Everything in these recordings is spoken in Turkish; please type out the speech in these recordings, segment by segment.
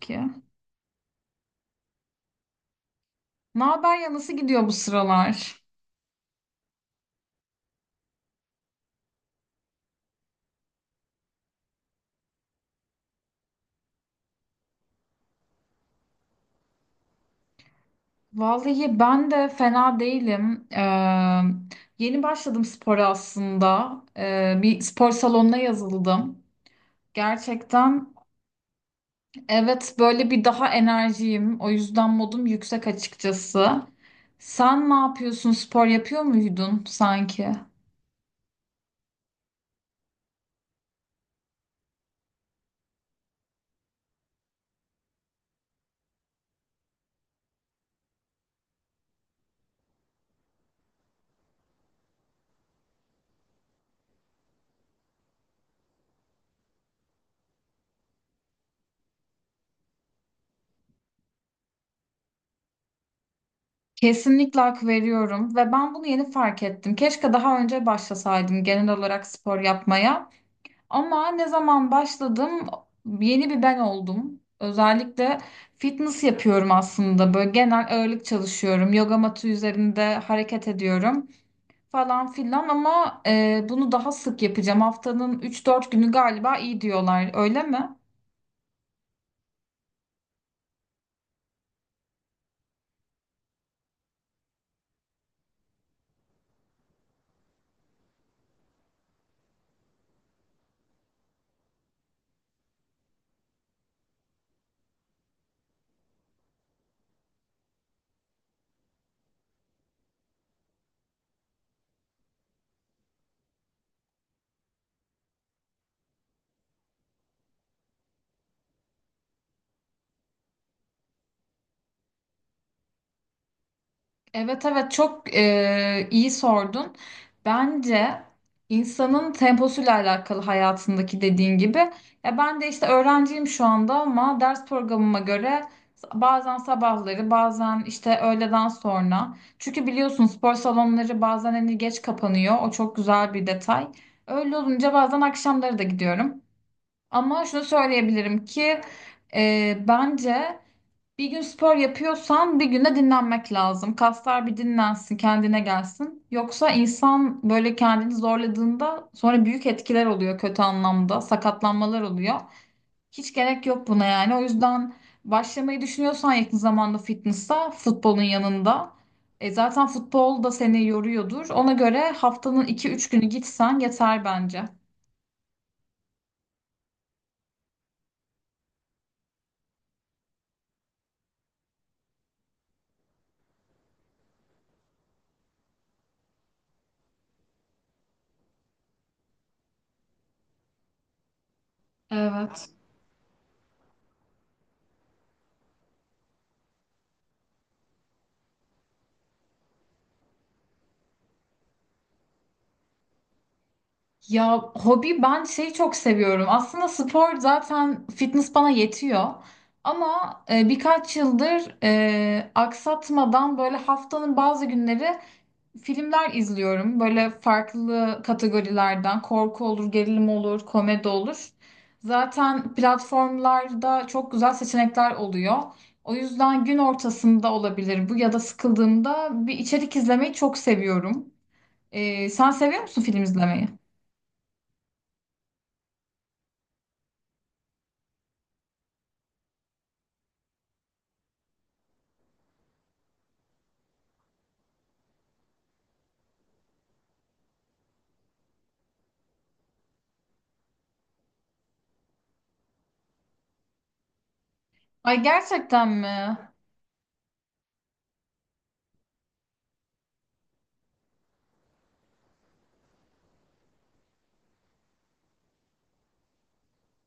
Ki. Ne haber ya nasıl gidiyor bu sıralar? Vallahi ben de fena değilim. Yeni başladım spora aslında. Bir spor salonuna yazıldım. Gerçekten evet böyle bir daha enerjiyim. O yüzden modum yüksek açıkçası. Sen ne yapıyorsun? Spor yapıyor muydun sanki? Kesinlikle hak veriyorum ve ben bunu yeni fark ettim. Keşke daha önce başlasaydım genel olarak spor yapmaya. Ama ne zaman başladım yeni bir ben oldum. Özellikle fitness yapıyorum aslında. Böyle genel ağırlık çalışıyorum. Yoga matı üzerinde hareket ediyorum falan filan ama bunu daha sık yapacağım. Haftanın 3-4 günü galiba iyi diyorlar. Öyle mi? Evet evet çok iyi sordun. Bence insanın temposuyla alakalı hayatındaki dediğin gibi. Ya ben de işte öğrenciyim şu anda ama ders programıma göre bazen sabahları bazen işte öğleden sonra. Çünkü biliyorsun spor salonları bazen hani geç kapanıyor. O çok güzel bir detay. Öyle olunca bazen akşamları da gidiyorum. Ama şunu söyleyebilirim ki bence bir gün spor yapıyorsan bir gün de dinlenmek lazım. Kaslar bir dinlensin, kendine gelsin. Yoksa insan böyle kendini zorladığında sonra büyük etkiler oluyor kötü anlamda, sakatlanmalar oluyor. Hiç gerek yok buna yani. O yüzden başlamayı düşünüyorsan yakın zamanda fitness'a futbolun yanında. E zaten futbol da seni yoruyordur. Ona göre haftanın iki üç günü gitsen yeter bence. Evet. Ya hobi ben şeyi çok seviyorum. Aslında spor zaten fitness bana yetiyor. Ama birkaç yıldır aksatmadan böyle haftanın bazı günleri filmler izliyorum. Böyle farklı kategorilerden korku olur, gerilim olur, komedi olur. Zaten platformlarda çok güzel seçenekler oluyor. O yüzden gün ortasında olabilir bu ya da sıkıldığımda bir içerik izlemeyi çok seviyorum. Sen seviyor musun film izlemeyi? Ay gerçekten mi?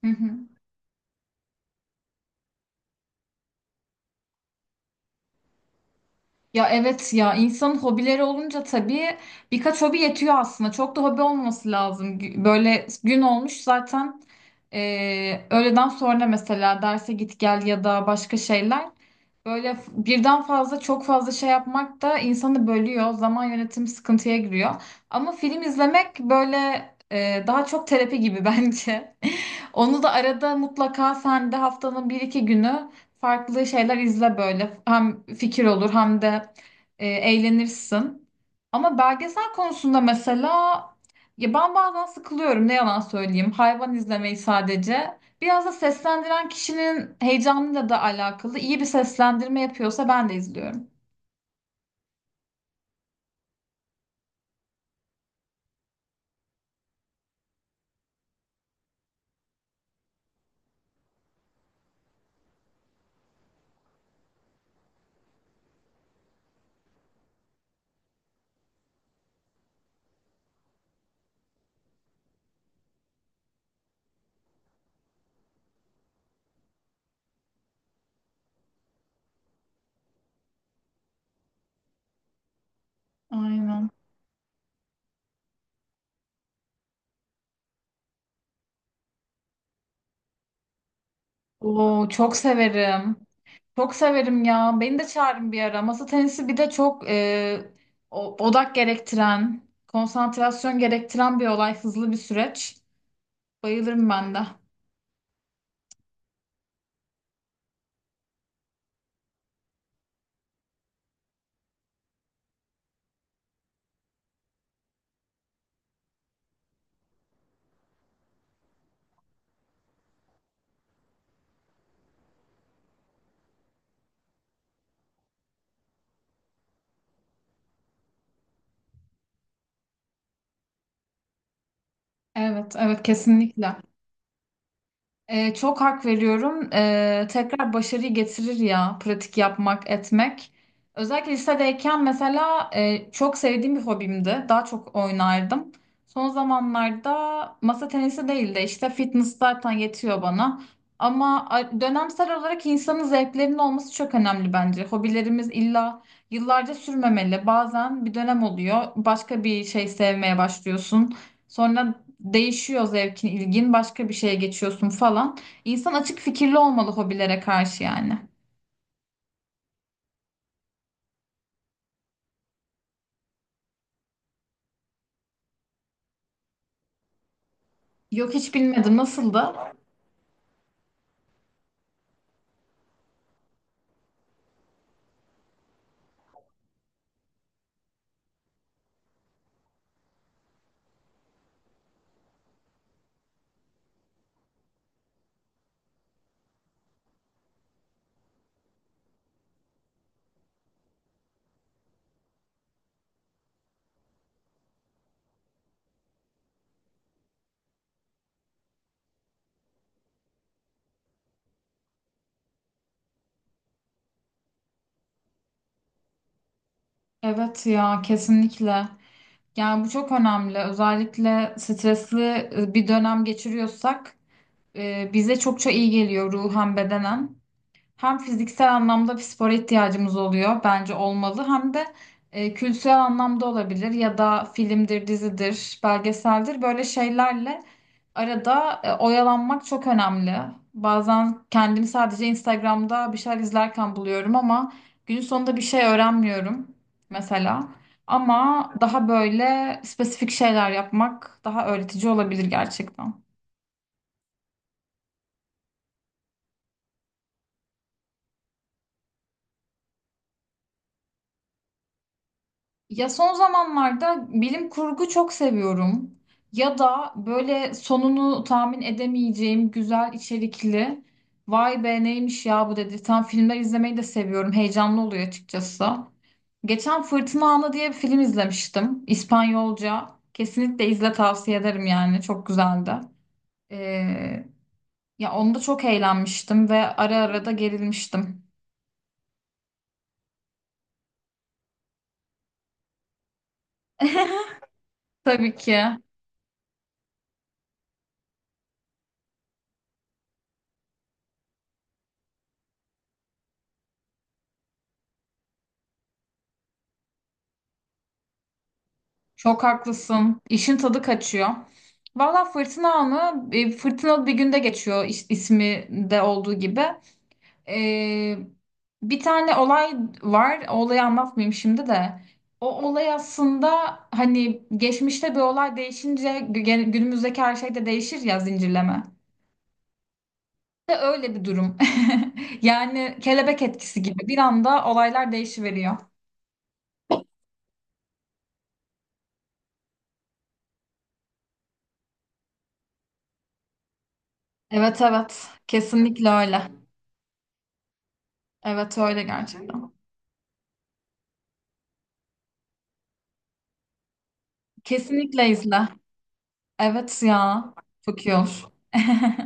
Hı hı. Ya evet ya insanın hobileri olunca tabii birkaç hobi yetiyor aslında. Çok da hobi olması lazım. Böyle gün olmuş zaten öğleden sonra mesela derse git gel ya da başka şeyler. Böyle birden fazla çok fazla şey yapmak da insanı bölüyor. Zaman yönetimi sıkıntıya giriyor. Ama film izlemek böyle daha çok terapi gibi bence. Onu da arada mutlaka sen de haftanın bir iki günü farklı şeyler izle böyle. Hem fikir olur hem de eğlenirsin. Ama belgesel konusunda mesela ya ben bazen sıkılıyorum ne yalan söyleyeyim. Hayvan izlemeyi sadece. Biraz da seslendiren kişinin heyecanıyla da alakalı. İyi bir seslendirme yapıyorsa ben de izliyorum. Aynen. Oo, çok severim. Çok severim ya. Beni de çağırın bir ara. Masa tenisi bir de çok odak gerektiren, konsantrasyon gerektiren bir olay, hızlı bir süreç. Bayılırım ben de. Evet, evet kesinlikle. Çok hak veriyorum. Tekrar başarıyı getirir ya pratik yapmak, etmek. Özellikle lisedeyken mesela çok sevdiğim bir hobimdi. Daha çok oynardım. Son zamanlarda masa tenisi değil de işte fitness zaten yetiyor bana. Ama dönemsel olarak insanın zevklerinin olması çok önemli bence. Hobilerimiz illa yıllarca sürmemeli. Bazen bir dönem oluyor. Başka bir şey sevmeye başlıyorsun. Sonra değişiyor zevkin, ilgin, başka bir şeye geçiyorsun falan. İnsan açık fikirli olmalı hobilere karşı yani. Yok hiç bilmedim nasıldı? Evet ya kesinlikle. Yani bu çok önemli. Özellikle stresli bir dönem geçiriyorsak bize çokça iyi geliyor ruhen bedenen. Hem fiziksel anlamda bir spora ihtiyacımız oluyor bence olmalı hem de kültürel anlamda olabilir ya da filmdir, dizidir, belgeseldir böyle şeylerle arada oyalanmak çok önemli. Bazen kendimi sadece Instagram'da bir şeyler izlerken buluyorum ama günün sonunda bir şey öğrenmiyorum mesela. Ama daha böyle spesifik şeyler yapmak daha öğretici olabilir gerçekten. Ya son zamanlarda bilim kurgu çok seviyorum. Ya da böyle sonunu tahmin edemeyeceğim güzel içerikli. Vay be neymiş ya bu dedirten filmler izlemeyi de seviyorum. Heyecanlı oluyor açıkçası. Geçen Fırtına Anı diye bir film izlemiştim. İspanyolca. Kesinlikle izle tavsiye ederim yani. Çok güzeldi. Ee, ya onda çok eğlenmiştim ve ara ara da gerilmiştim. Tabii ki. Çok haklısın. İşin tadı kaçıyor. Valla fırtına anı fırtınalı bir günde geçiyor ismi de olduğu gibi. Ee, bir tane olay var. O olayı anlatmayayım şimdi de. O olay aslında hani geçmişte bir olay değişince günümüzdeki her şey de değişir ya zincirleme. De öyle bir durum. Yani kelebek etkisi gibi bir anda olaylar değişiveriyor. Evet evet kesinlikle öyle. Evet öyle gerçekten. Kesinlikle izle. Evet ya. Çok iyi olur.